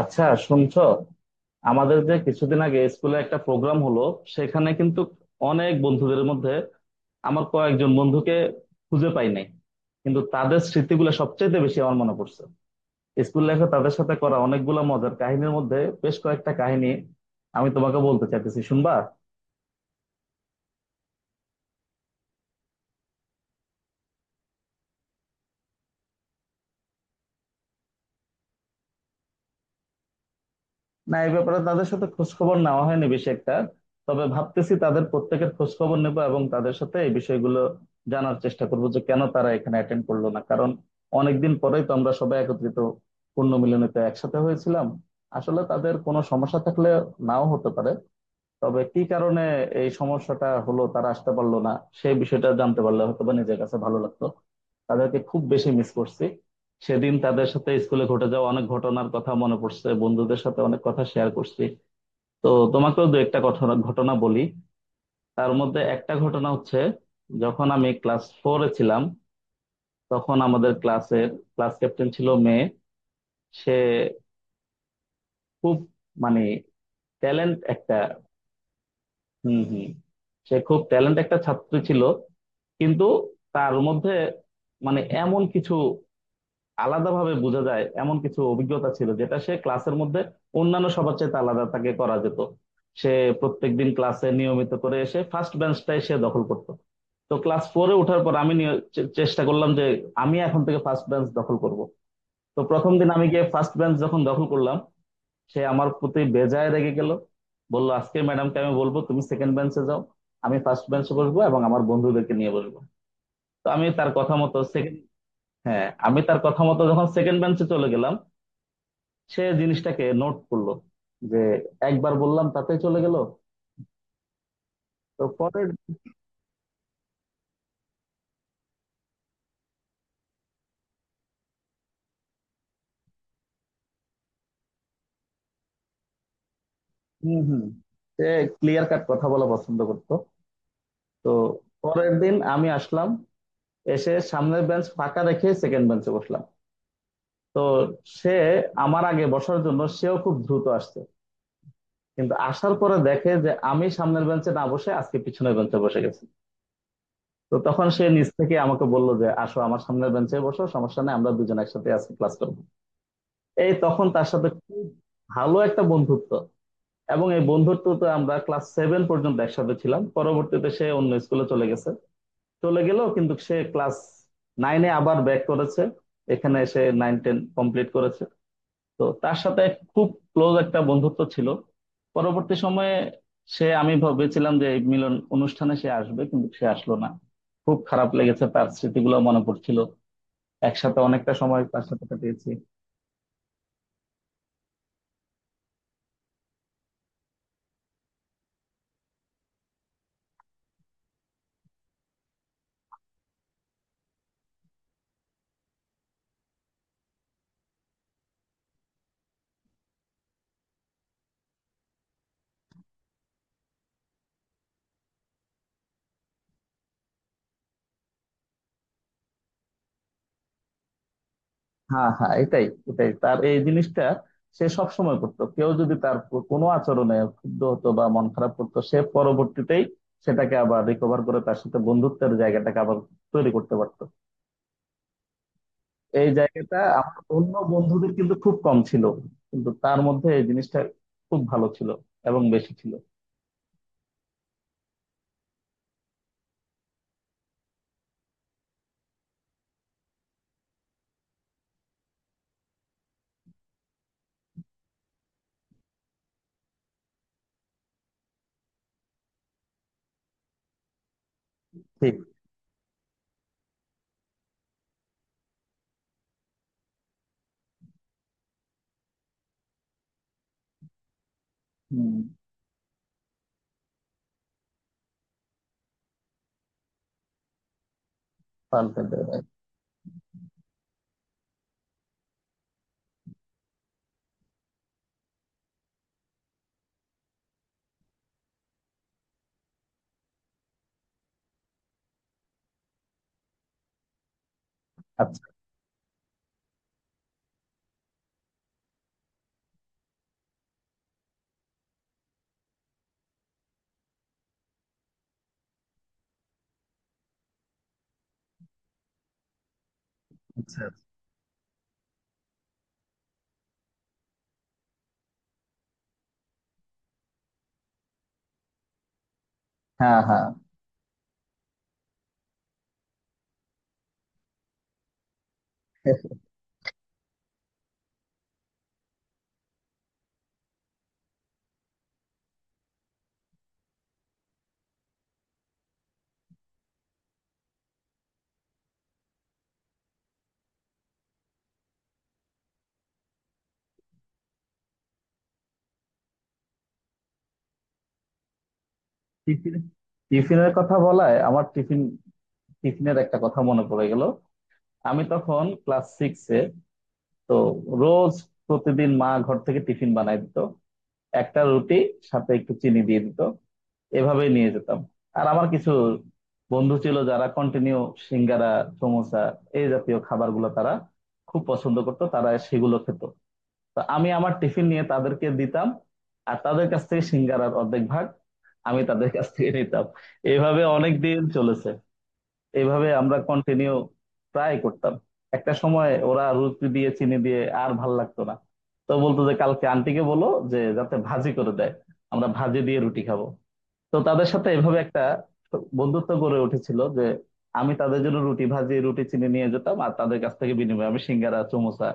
আচ্ছা শুনছো? আমাদের যে কিছুদিন আগে স্কুলে একটা প্রোগ্রাম হলো, সেখানে কিন্তু অনেক বন্ধুদের মধ্যে আমার কয়েকজন বন্ধুকে খুঁজে পাই নাই, কিন্তু তাদের স্মৃতিগুলো সবচেয়ে বেশি আমার মনে পড়ছে। স্কুল লাইফে তাদের সাথে করা অনেকগুলো মজার কাহিনীর মধ্যে বেশ কয়েকটা কাহিনী আমি তোমাকে বলতে চাইতেছি, শুনবা? না, এই ব্যাপারে তাদের সাথে খোঁজ খবর নেওয়া হয়নি বেশি একটা, তবে ভাবতেছি তাদের প্রত্যেকের খোঁজ খবর নেব এবং তাদের সাথে এই বিষয়গুলো জানার চেষ্টা করব, যে কেন তারা এখানে অ্যাটেন্ড করলো না। কারণ অনেকদিন পরেই তো আমরা সবাই একত্রিত পূর্ণ মিলনীতে একসাথে হয়েছিলাম। আসলে তাদের কোনো সমস্যা থাকলে নাও হতে পারে, তবে কি কারণে এই সমস্যাটা হলো তারা আসতে পারলো না, সেই বিষয়টা জানতে পারলে হয়তো বা নিজের কাছে ভালো লাগতো। তাদেরকে খুব বেশি মিস করছি। সেদিন তাদের সাথে স্কুলে ঘটে যাওয়া অনেক ঘটনার কথা মনে পড়ছে, বন্ধুদের সাথে অনেক কথা শেয়ার করছি। তো তোমাকেও দু একটা ঘটনা ঘটনা বলি। তার মধ্যে একটা ঘটনা হচ্ছে, যখন আমি ক্লাস ফোরে ছিলাম, তখন আমাদের ক্লাসের ক্লাস ক্যাপ্টেন ছিল মেয়ে। সে খুব মানে ট্যালেন্ট একটা। হুম হুম। সে খুব ট্যালেন্ট একটা ছাত্রী ছিল, কিন্তু তার মধ্যে মানে এমন কিছু আলাদাভাবে বোঝা যায় এমন কিছু অভিজ্ঞতা ছিল, যেটা সে ক্লাসের মধ্যে অন্যান্য সবার চাইতে আলাদা তাকে করা যেত। সে প্রত্যেকদিন ক্লাসে নিয়মিত করে এসে ফার্স্ট বেঞ্চটাই সে দখল করত। তো ক্লাস ফোরে ওঠার পর আমি চেষ্টা করলাম যে আমি এখন থেকে ফার্স্ট বেঞ্চ দখল করব। তো প্রথম দিন আমি গিয়ে ফার্স্ট বেঞ্চ যখন দখল করলাম, সে আমার প্রতি বেজায় রেগে গেল। বললো, আজকে ম্যাডামকে আমি বলবো তুমি সেকেন্ড বেঞ্চে যাও, আমি ফার্স্ট বেঞ্চে বসবো এবং আমার বন্ধুদেরকে নিয়ে বসবো। তো আমি তার কথা মতো সেকেন্ড। হ্যাঁ, আমি তার কথা মতো যখন সেকেন্ড বেঞ্চে চলে গেলাম, সে জিনিসটাকে নোট করলো যে একবার বললাম তাতে চলে গেল। তো পরের। হম হম। সে ক্লিয়ার কাট কথা বলা পছন্দ করতো। তো পরের দিন আমি আসলাম, এসে সামনের বেঞ্চ ফাঁকা রেখে সেকেন্ড বেঞ্চে বসলাম। তো সে আমার আগে বসার জন্য সেও খুব দ্রুত আসছে, কিন্তু আসার পরে দেখে যে আমি সামনের বেঞ্চে না বসে আজকে পিছনের বেঞ্চে বসে গেছি। তো তখন সে নিজ থেকে আমাকে বললো যে, আসো আমার সামনের বেঞ্চে বসো, সমস্যা নেই, আমরা দুজন একসাথে আজকে ক্লাস করবো। এই তখন তার সাথে খুব ভালো একটা বন্ধুত্ব, এবং এই বন্ধুত্বতে আমরা ক্লাস সেভেন পর্যন্ত একসাথে ছিলাম। পরবর্তীতে সে অন্য স্কুলে চলে গেছে, চলে গেল, কিন্তু সে ক্লাস নাইনে আবার ব্যাক করেছে, এখানে এসে নাইন টেন কমপ্লিট করেছে। তো তার সাথে খুব ক্লোজ একটা বন্ধুত্ব ছিল পরবর্তী সময়ে। সে, আমি ভেবেছিলাম যে এই মিলন অনুষ্ঠানে সে আসবে, কিন্তু সে আসলো না। খুব খারাপ লেগেছে, তার স্মৃতিগুলো মনে পড়ছিল। একসাথে অনেকটা সময় তার সাথে কাটিয়েছি। হ্যাঁ হ্যাঁ, এটাই এটাই তার এই জিনিসটা। সে সব সময় করতো, কেউ যদি তার কোনো আচরণে ক্ষুব্ধ হতো বা মন খারাপ করতো, সে পরবর্তীতেই সেটাকে আবার রিকভার করে তার সাথে বন্ধুত্বের জায়গাটাকে আবার তৈরি করতে পারতো। এই জায়গাটা আমার অন্য বন্ধুদের কিন্তু খুব কম ছিল, কিন্তু তার মধ্যে এই জিনিসটা খুব ভালো ছিল এবং বেশি ছিল। ঠিক। হম। পাল্টে দেয়। আচ্ছা। আচ্ছা আচ্ছা। হ্যাঁ হ্যাঁ। টিফিন টিফিনের কথা বলায় আমার টিফিনের একটা কথা মনে পড়ে গেল। আমি তখন ক্লাস সিক্স এ। তো রোজ প্রতিদিন মা ঘর থেকে টিফিন বানায় দিত, একটা রুটি সাথে একটু চিনি দিয়ে দিত, এভাবেই নিয়ে যেতাম। আর আমার কিছু বন্ধু ছিল যারা কন্টিনিউ সিঙ্গারা, সমোসা এই জাতীয় খাবারগুলো তারা খুব পছন্দ করতো, তারা সেগুলো খেত। তো আমি আমার টিফিন নিয়ে তাদেরকে দিতাম, আর তাদের কাছ থেকে সিঙ্গারার অর্ধেক ভাগ আমি তাদের কাছ থেকে নিতাম। এভাবে অনেক দিন চলেছে, এভাবে আমরা কন্টিনিউ প্রায় করতাম। একটা সময় ওরা রুটি দিয়ে চিনি দিয়ে আর ভাল লাগতো না, তো বলতো যে কালকে আন্টিকে বলো যে যাতে ভাজি করে দেয়, আমরা ভাজি দিয়ে রুটি খাবো। তো তাদের সাথে এভাবে একটা বন্ধুত্ব গড়ে উঠেছিল যে আমি তাদের জন্য রুটি ভাজি, রুটি চিনি নিয়ে যেতাম, আর তাদের কাছ থেকে বিনিময়ে আমি সিঙ্গারা, চমোসা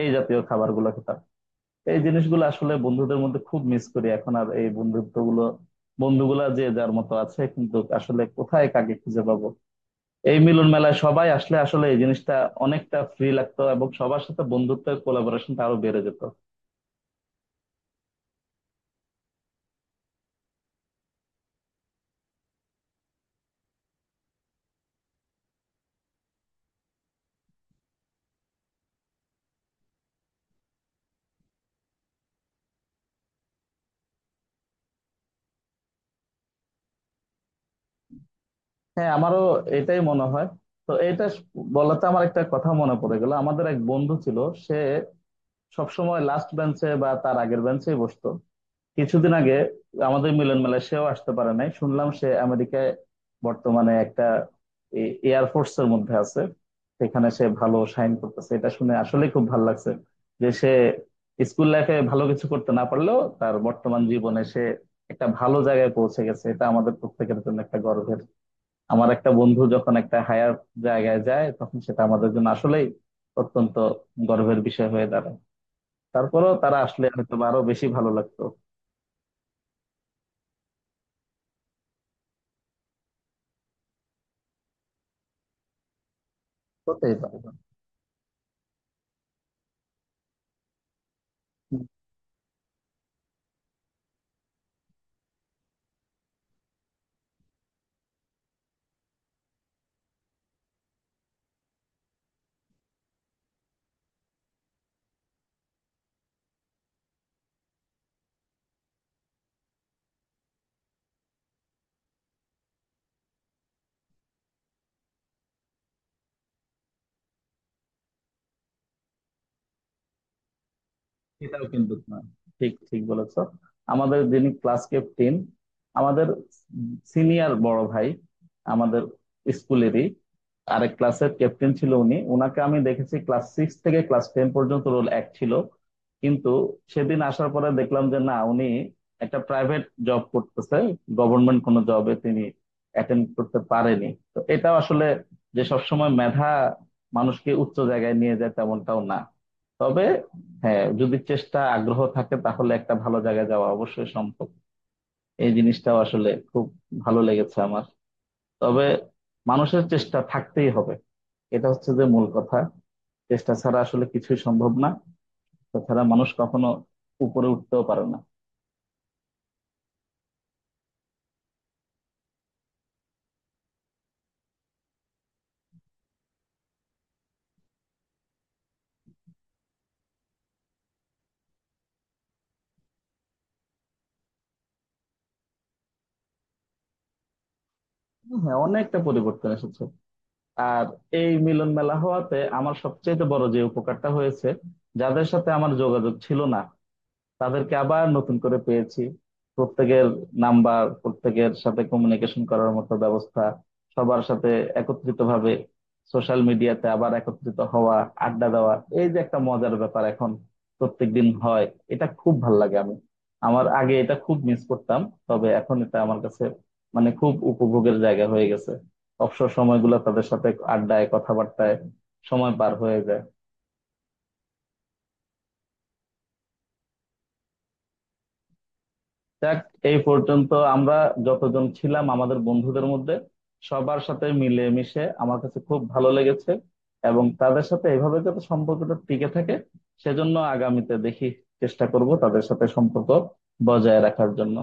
এই জাতীয় খাবার গুলো খেতাম। এই জিনিসগুলো আসলে বন্ধুদের মধ্যে খুব মিস করি এখন, আর এই বন্ধুত্ব গুলো, বন্ধুগুলা যে যার মতো আছে, কিন্তু আসলে কোথায় কাকে খুঁজে পাবো। এই মিলন মেলায় সবাই আসলে আসলে এই জিনিসটা অনেকটা ফ্রি লাগতো এবং সবার সাথে বন্ধুত্বের কোলাবোরেশনটা আরো বেড়ে যেত। হ্যাঁ, আমারও এটাই মনে হয়। তো বলাতে আমার একটা কথা মনে পড়ে গেল। আমাদের এক বন্ধু ছিল, সে সবসময় লাস্ট বেঞ্চে বা তার আগের বেঞ্চেই বসতো। কিছুদিন আগে আমাদের মিলন মেলায় সেও আসতে পারে নাই, শুনলাম সে আমেরিকায় বর্তমানে একটা এয়ারফোর্স এর মধ্যে আছে, সেখানে সে ভালো সাইন করতেছে। এটা শুনে আসলে খুব ভালো লাগছে যে সে স্কুল লাইফে ভালো কিছু করতে না পারলেও তার বর্তমান জীবনে সে একটা ভালো জায়গায় পৌঁছে গেছে। এটা আমাদের প্রত্যেকের জন্য একটা গর্বের। আমার একটা বন্ধু যখন একটা হায়ার জায়গায় যায়, তখন সেটা আমাদের জন্য আসলেই অত্যন্ত গর্বের বিষয় হয়ে দাঁড়ায়। তারপরেও তারা আসলে হয়তো বা আরো বেশি ভালো লাগতো। হতেই পারে। সেটাও কিন্তু না, ঠিক ঠিক বলেছো। আমাদের যিনি ক্লাস ক্যাপ্টেন আমাদের সিনিয়র বড় ভাই, আমাদের স্কুলেরই আরেক ক্লাসের ক্যাপ্টেন ছিল উনি, উনাকে আমি দেখেছি ক্লাস সিক্স থেকে ক্লাস টেন পর্যন্ত রোল এক ছিল। কিন্তু সেদিন আসার পরে দেখলাম যে না, উনি একটা প্রাইভেট জব করতেছে, গভর্নমেন্ট কোনো জবে তিনি অ্যাটেন্ড করতে পারেনি। তো এটা আসলে, যে সবসময় মেধা মানুষকে উচ্চ জায়গায় নিয়ে যায়, তেমনটাও না। তবে হ্যাঁ, যদি চেষ্টা আগ্রহ থাকে তাহলে একটা ভালো জায়গায় যাওয়া অবশ্যই সম্ভব। এই জিনিসটাও আসলে খুব ভালো লেগেছে আমার। তবে মানুষের চেষ্টা থাকতেই হবে, এটা হচ্ছে যে মূল কথা। চেষ্টা ছাড়া আসলে কিছুই সম্ভব না, তাছাড়া মানুষ কখনো উপরে উঠতেও পারে না। হ্যাঁ, অনেকটা পরিবর্তন এসেছে। আর এই মিলন মেলা হওয়াতে আমার সবচেয়ে বড় যে উপকারটা হয়েছে, যাদের সাথে আমার যোগাযোগ ছিল না, তাদেরকে আবার নতুন করে পেয়েছি। প্রত্যেকের নাম্বার, প্রত্যেকের সাথে কমিউনিকেশন করার মতো ব্যবস্থা, সবার সাথে একত্রিত ভাবে সোশ্যাল মিডিয়াতে আবার একত্রিত হওয়া, আড্ডা দেওয়া, এই যে একটা মজার ব্যাপার এখন প্রত্যেক দিন হয়, এটা খুব ভাল লাগে আমি। আমার আগে এটা খুব মিস করতাম, তবে এখন এটা আমার কাছে মানে খুব উপভোগের জায়গা হয়ে গেছে। অবসর সময়গুলো তাদের সাথে আড্ডায় কথাবার্তায় সময় পার হয়ে যায়। যাক, এই পর্যন্ত আমরা যতজন ছিলাম আমাদের বন্ধুদের মধ্যে সবার সাথে মিলে মিশে আমার কাছে খুব ভালো লেগেছে, এবং তাদের সাথে এভাবে যাতে সম্পর্কটা টিকে থাকে, সেজন্য আগামীতে দেখি চেষ্টা করব তাদের সাথে সম্পর্ক বজায় রাখার জন্য।